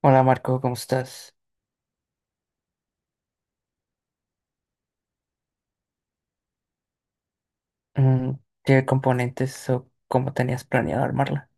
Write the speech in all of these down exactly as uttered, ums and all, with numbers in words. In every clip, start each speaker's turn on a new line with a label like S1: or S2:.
S1: Hola Marco, ¿cómo estás? Mm, ¿Qué componentes o cómo tenías planeado armarla?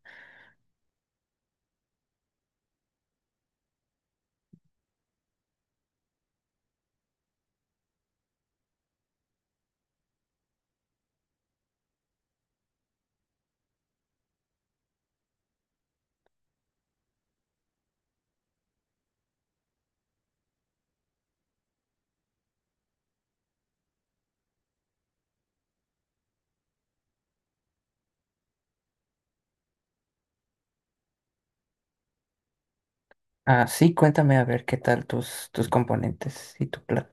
S1: Ah, sí, cuéntame a ver qué tal tus, tus componentes y tu plan.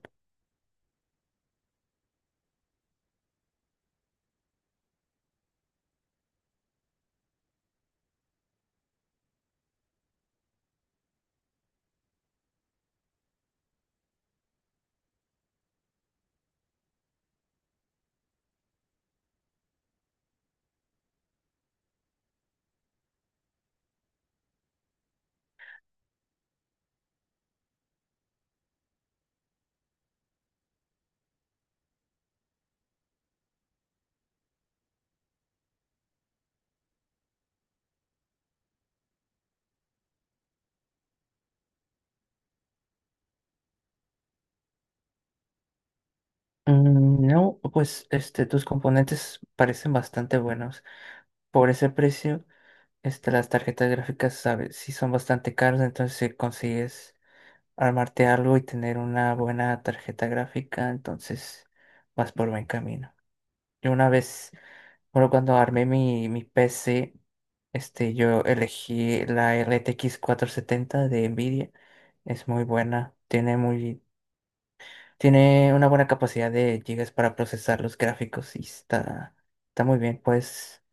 S1: Mm, no, pues este, tus componentes parecen bastante buenos. Por ese precio, este, las tarjetas gráficas, sabes, sí son bastante caras, entonces si consigues armarte algo y tener una buena tarjeta gráfica, entonces vas por buen camino. Yo una vez Bueno, cuando armé mi, mi P C, este, yo elegí la R T X setenta de Nvidia. Es muy buena, tiene muy, tiene una buena capacidad de gigas para procesar los gráficos y está, está muy bien. Puedes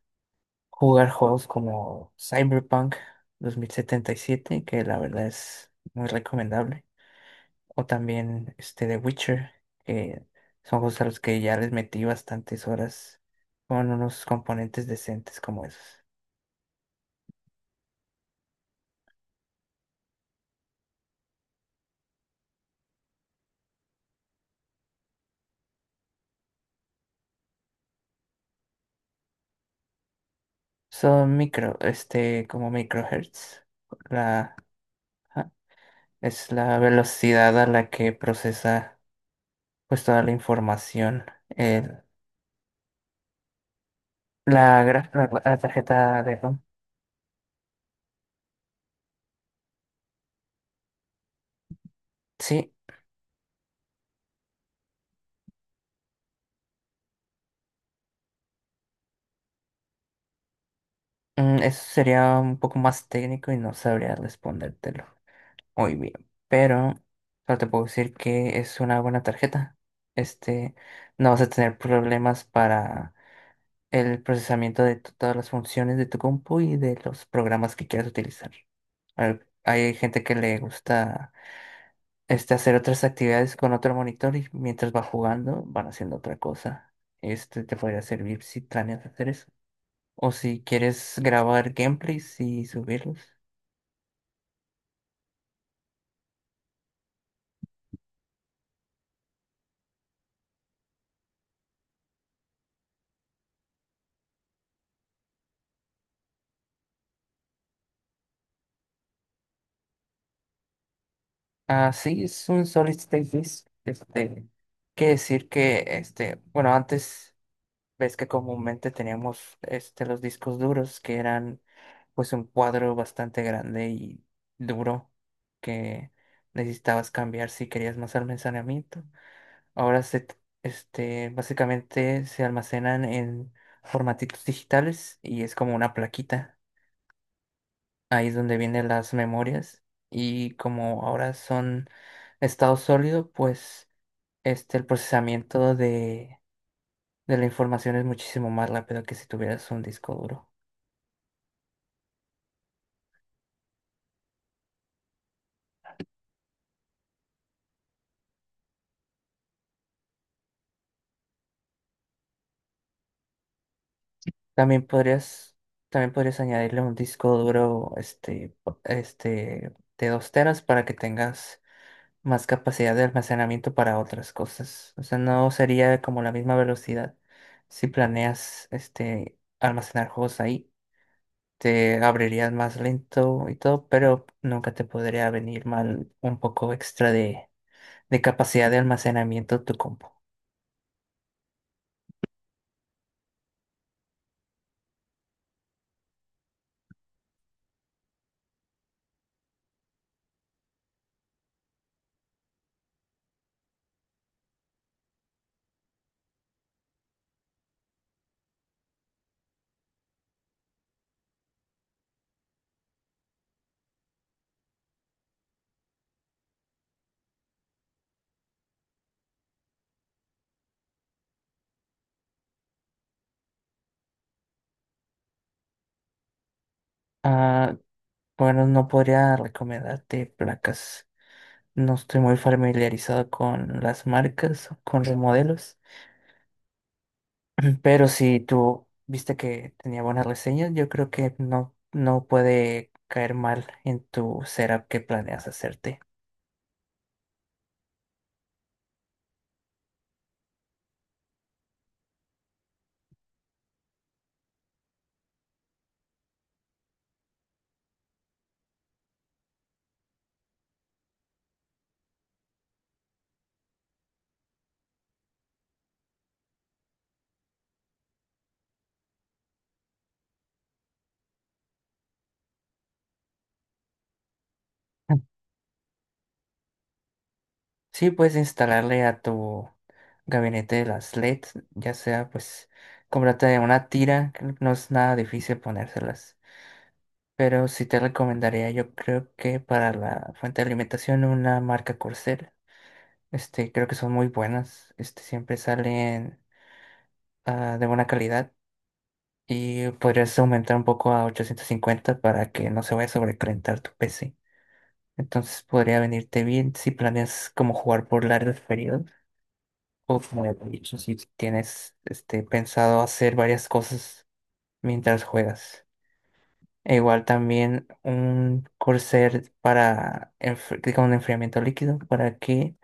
S1: jugar juegos como Cyberpunk dos mil setenta y siete, que la verdad es muy recomendable. O también este The Witcher, que son juegos a los que ya les metí bastantes horas con unos componentes decentes como esos. Son micro, este, como microhertz. La, ajá, es la velocidad a la que procesa pues toda la información. el- la, gra- la, la tarjeta de RAM. Sí, mm, eso sería un poco más técnico y no sabría respondértelo muy bien. Pero solo te puedo decir que es una buena tarjeta. Este, no vas a tener problemas para el procesamiento de to- todas las funciones de tu compu y de los programas que quieras utilizar. Al- Hay gente que le gusta este, hacer otras actividades con otro monitor y mientras va jugando van haciendo otra cosa. Este te podría servir si planeas hacer eso. O si quieres grabar gameplays y subirlos. Ah, sí, es un solid state disk. Este, quiere decir que, este, bueno, antes ves que comúnmente teníamos este, los discos duros, que eran pues un cuadro bastante grande y duro que necesitabas cambiar si querías más almacenamiento. Ahora se, t- este, básicamente se almacenan en formatitos digitales y es como una plaquita. Ahí es donde vienen las memorias y como ahora son estado sólido, pues este, el procesamiento de, de la información es muchísimo más rápido que si tuvieras un disco duro. También podrías, también podrías añadirle un disco duro este, po- este, de dos teras para que tengas más capacidad de almacenamiento para otras cosas. O sea, no sería como la misma velocidad. Si planeas este, almacenar juegos ahí, te abrirías más lento y todo, pero nunca te podría venir mal un poco extra de, de capacidad de almacenamiento tu compu. Ah, bueno, no podría recomendarte placas. No estoy muy familiarizado con las marcas, con los modelos, pero si tú viste que tenía buenas reseñas, yo creo que no, no puede caer mal en tu setup que planeas hacerte. Mm. Sí, puedes instalarle a tu gabinete las LEDs, ya sea pues cómprate una tira, que no es nada difícil ponérselas. Pero sí te recomendaría, yo creo que para la fuente de alimentación, una marca Corsair. Este, creo que son muy buenas. Este, siempre salen ah, de buena calidad. Y podrías aumentar un poco a ochocientos cincuenta para que no se vaya a sobrecalentar tu P C. Entonces podría venirte bien si planeas como jugar por largos periodos. O como ya te he dicho, si tienes este, pensado hacer varias cosas mientras juegas. E igual también un Corsair para enfri- con enfriamiento líquido, para que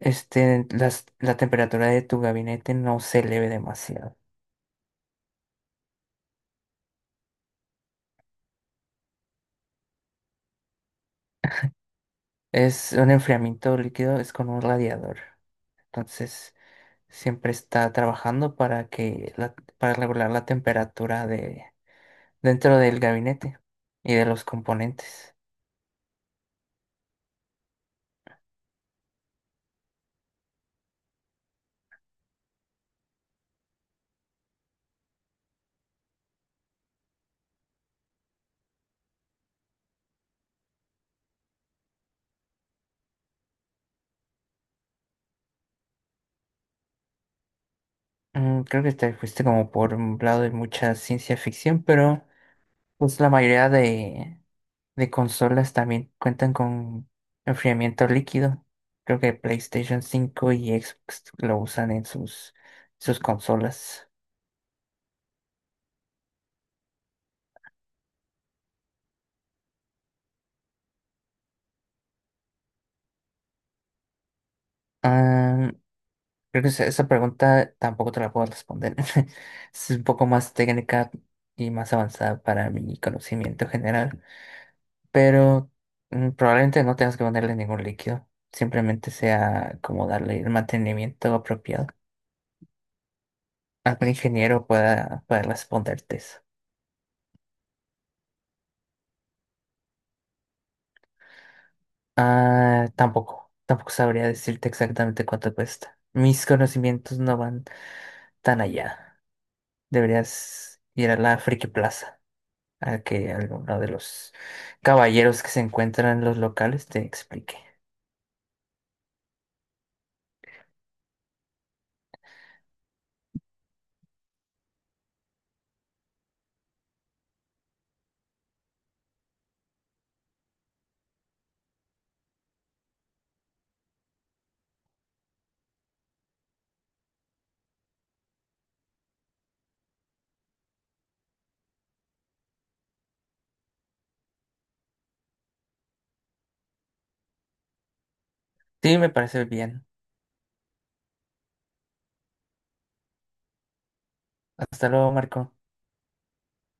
S1: Este, las- la temperatura de tu gabinete no se eleve demasiado. Es un enfriamiento líquido, es con un radiador. Entonces, siempre está trabajando para que la- para regular la temperatura de dentro del gabinete y de los componentes. Mm, creo que te fuiste como por un lado de mucha ciencia ficción, pero pues la mayoría de, de consolas también cuentan con enfriamiento líquido. Creo que PlayStation cinco y Xbox lo usan en sus, sus consolas. Ah, creo que esa esa pregunta tampoco te la puedo responder. Es un poco más técnica y más avanzada para mi conocimiento general. Pero mm, probablemente no tengas que ponerle ningún líquido. Simplemente sea como darle el mantenimiento apropiado. Algún ingeniero pueda, pueda responderte eso. Ah, tampoco, tampoco sabría decirte exactamente cuánto cuesta. Mis conocimientos no van tan allá. Deberías ir a la Friki Plaza, a que alguno de los caballeros que se encuentran en los locales te explique. Sí, me parece bien. Hasta luego, Marco.